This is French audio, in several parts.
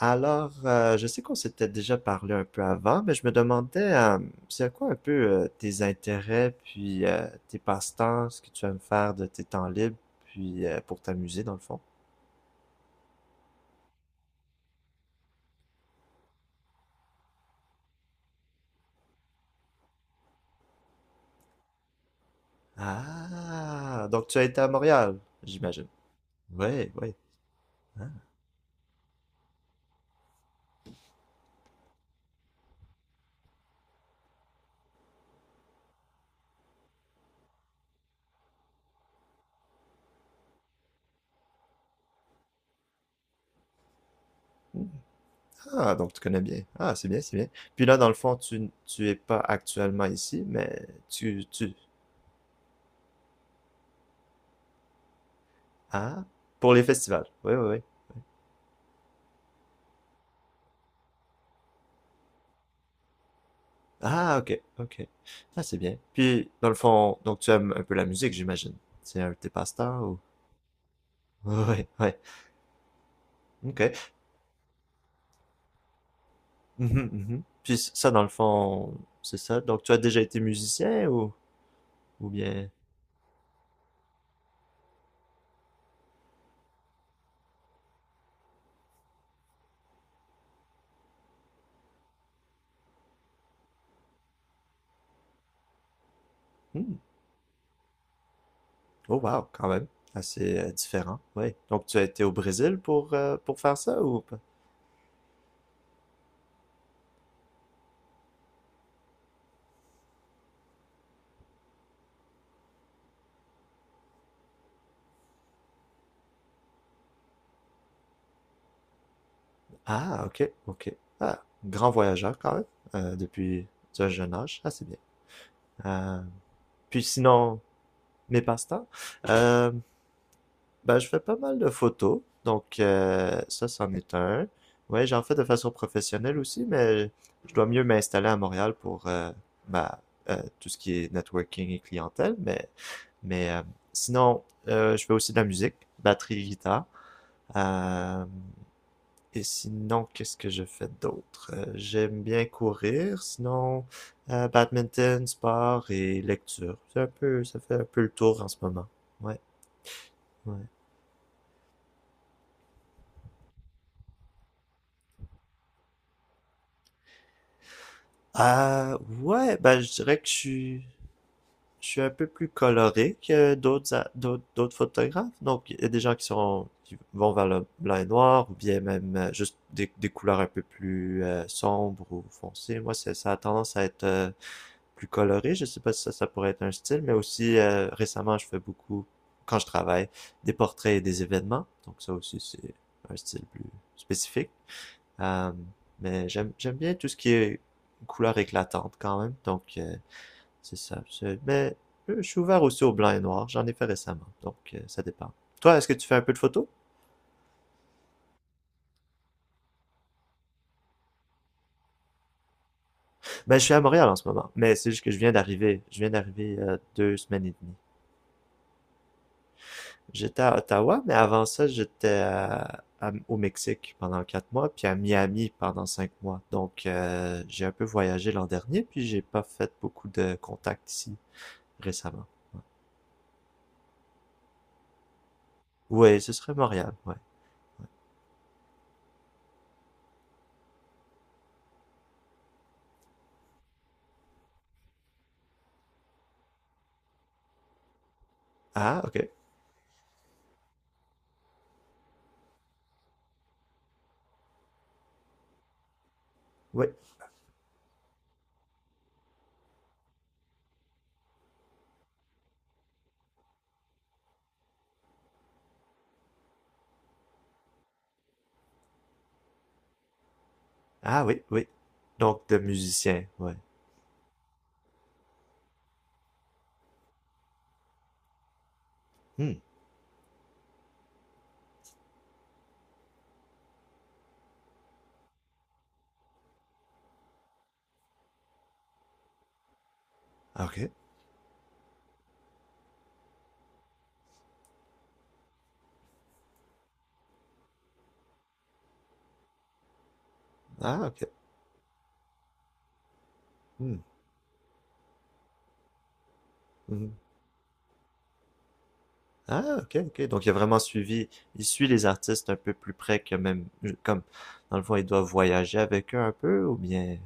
Je sais qu'on s'était déjà parlé un peu avant, mais je me demandais, c'est quoi un peu tes intérêts, puis tes passe-temps, ce que tu aimes faire de tes temps libres, puis pour t'amuser dans le fond. Ah, donc tu as été à Montréal, j'imagine. Oui, oui. Ah, Ah, donc tu connais bien. Ah, c'est bien, c'est bien. Puis là, dans le fond, tu es pas actuellement ici, mais tu... Ah, pour les festivals. Oui, oui, oui. Ah, ok, ok. Ah, c'est bien. Puis, dans le fond, donc tu aimes un peu la musique, j'imagine. C'est un de tes passe-temps ou... Ouais, ouais. Ok. Mhm, mhm. Puis ça, dans le fond, c'est ça. Donc, tu as déjà été musicien ou bien... Hmm. Oh, wow, quand même. Assez différent, ouais. Donc, tu as été au Brésil pour faire ça ou pas? Ah, ok, ok. Ah, grand voyageur quand même, depuis un jeune âge. Ah, c'est bien. Euh, puis sinon, mes passe-temps. Euh, Ben, je fais pas mal de photos, donc ça, c'en est un. Ouais, j'en fais de façon professionnelle aussi, mais je dois mieux m'installer à Montréal pour ma, tout ce qui est networking et clientèle. Mais, mais sinon, je fais aussi de la musique, batterie, guitare. Euh, et sinon, qu'est-ce que je fais d'autre? J'aime bien courir, sinon badminton, sport et lecture. C'est un peu, ça fait un peu le tour en ce moment. Ouais, ouais. Ah ouais, ben je dirais que je suis un peu plus coloré que d'autres a- d'autres d'autres photographes. Donc il y a des gens qui sont qui vont vers le blanc et noir ou bien même juste des couleurs un peu plus sombres ou foncées. Moi c'est ça a tendance à être plus coloré. Je sais pas si ça pourrait être un style, mais aussi récemment je fais beaucoup quand je travaille des portraits et des événements. Donc ça aussi c'est un style plus spécifique. Euh, mais j'aime bien tout ce qui est couleur éclatante quand même. Donc, c'est ça. Mais je suis ouvert aussi au blanc et noir. J'en ai fait récemment. Donc, ça dépend. Toi, est-ce que tu fais un peu de photo? Ben, je suis à Montréal en ce moment. Mais c'est juste que je viens d'arriver. Je viens d'arriver deux semaines et demie. J'étais à Ottawa, mais avant ça, j'étais au Mexique pendant quatre mois, puis à Miami pendant cinq mois. Donc, j'ai un peu voyagé l'an dernier, puis j'ai pas fait beaucoup de contacts ici récemment. Ouais. Ouais, ce serait Montréal, ouais. Ah, ok. Oui. Ah, oui, oui. Donc, de musicien, ouais. Hmm. Ah, ok. Ah, ok. Hmm. Mhm. Ah, ok, ok. Donc, il a vraiment suivi, il suit les artistes un peu plus près que même, comme, dans le fond, il doit voyager avec eux un peu, ou bien,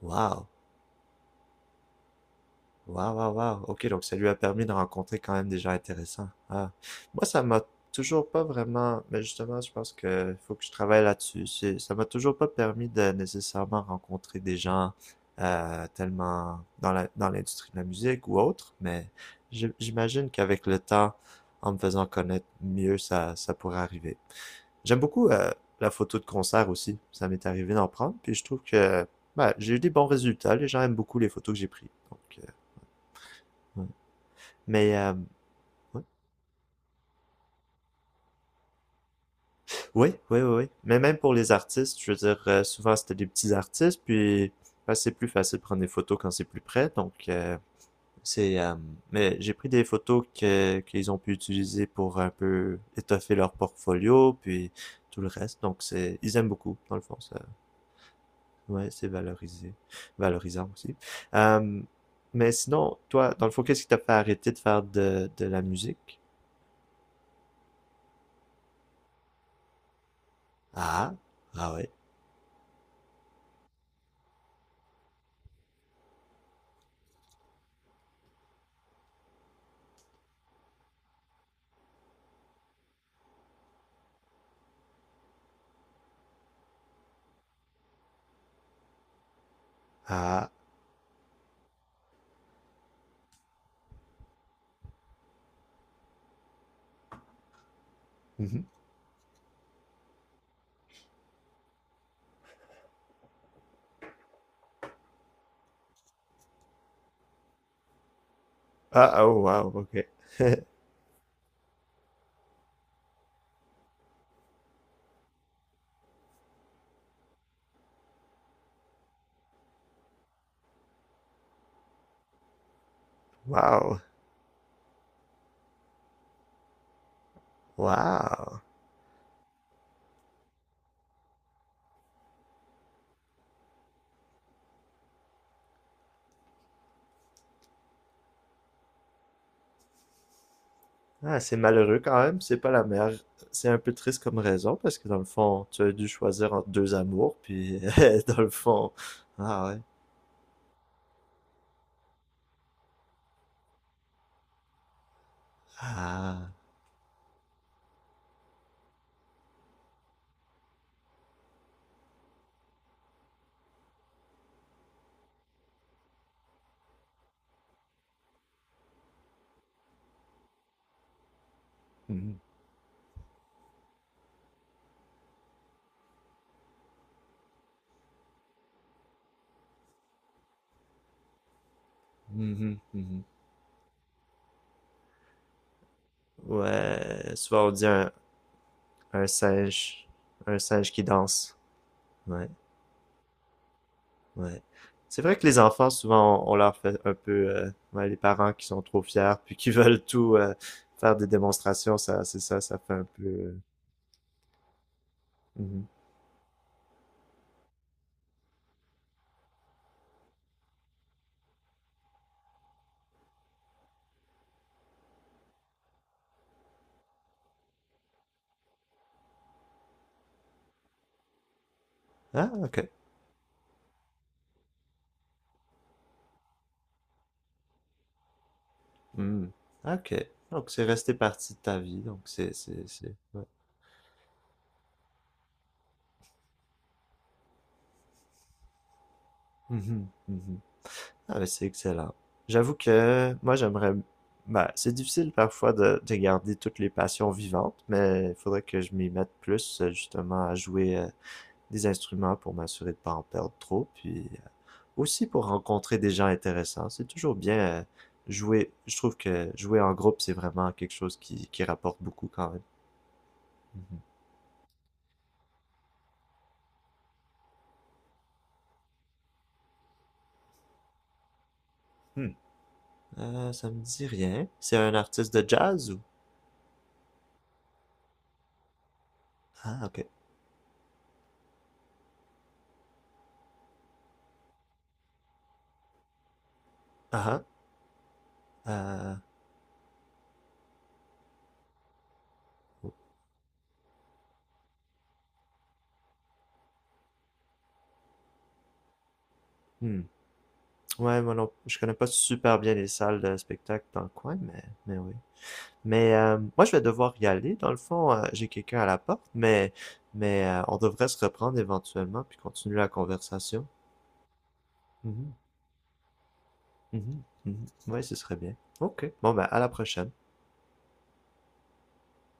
Wow. Waouh, waouh, waouh. Ok, donc ça lui a permis de rencontrer quand même des gens intéressants. Ah. Moi, ça m'a toujours pas vraiment, mais justement, je pense que faut que je travaille là-dessus. C'est- Ça m'a toujours pas permis de nécessairement rencontrer des gens tellement dans la, dans l'industrie de la musique ou autre, mais j'imagine qu'avec le temps, en me faisant connaître mieux, ça pourrait arriver. J'aime beaucoup la photo de concert aussi. Ça m'est arrivé d'en prendre, puis je trouve que bah, j'ai eu des bons résultats. Les gens aiment beaucoup les photos que j'ai prises. Donc, ouais. Mais ouais, ouais, ouais, ouais, ouais. Mais même pour les artistes, je veux dire, souvent c'était des petits artistes, puis bah, c'est plus facile de prendre des photos quand c'est plus près. Donc c'est, euh, mais j'ai pris des photos que qu'ils ont pu utiliser pour un peu étoffer leur portfolio, puis tout le reste. Donc c'est, ils aiment beaucoup dans le fond. Ça, ouais, c'est valorisé, valorisant aussi. Euh, mais sinon, toi, dans le fond, qu'est-ce qui t'a fait arrêter de faire de la musique? Ah, ah ouais, ah. Mhm. Ah, oh, wow, ok. Wow, wow. Ah, c'est malheureux quand même, c'est pas la meilleure. C'est un peu triste comme raison, parce que dans le fond, tu as dû choisir entre deux amours, puis dans le fond. Ah ouais. Ah. Mhm, mhm, mhm. Ouais, souvent on dit un singe, un singe qui danse. Ouais, ouais. C'est vrai que les enfants, souvent, on leur fait un peu, ouais, les parents qui sont trop fiers, puis qui veulent tout faire des démonstrations, ça, c'est ça, ça fait un peu. Mhm. Ah, ok. Hmm. Ok. Donc, c'est resté partie de ta vie. Donc, c'est, ouais. Mhm, mhm. Ah, mais c'est excellent. J'avoue que moi, j'aimerais, ben, c'est difficile parfois de garder toutes les passions vivantes, mais il faudrait que je m'y mette plus, justement, à jouer des instruments pour m'assurer de pas en perdre trop, puis aussi pour rencontrer des gens intéressants. C'est toujours bien jouer. Je trouve que jouer en groupe, c'est vraiment quelque chose qui rapporte beaucoup quand même. Mhm. Hmm. Ça me dit rien. C'est un artiste de jazz ou? Ah, ok. Ah, ah, oh, hmm. Ouais, moi non, je connais pas super bien les salles de spectacle dans le coin, mais oui. Mais moi, je vais devoir y aller. Dans le fond, j'ai quelqu'un à la porte, mais, mais on devrait se reprendre éventuellement puis continuer la conversation. Mhm, mhm, mhm. Ouais, ce serait bien. Ok. Bon, ben, à la prochaine.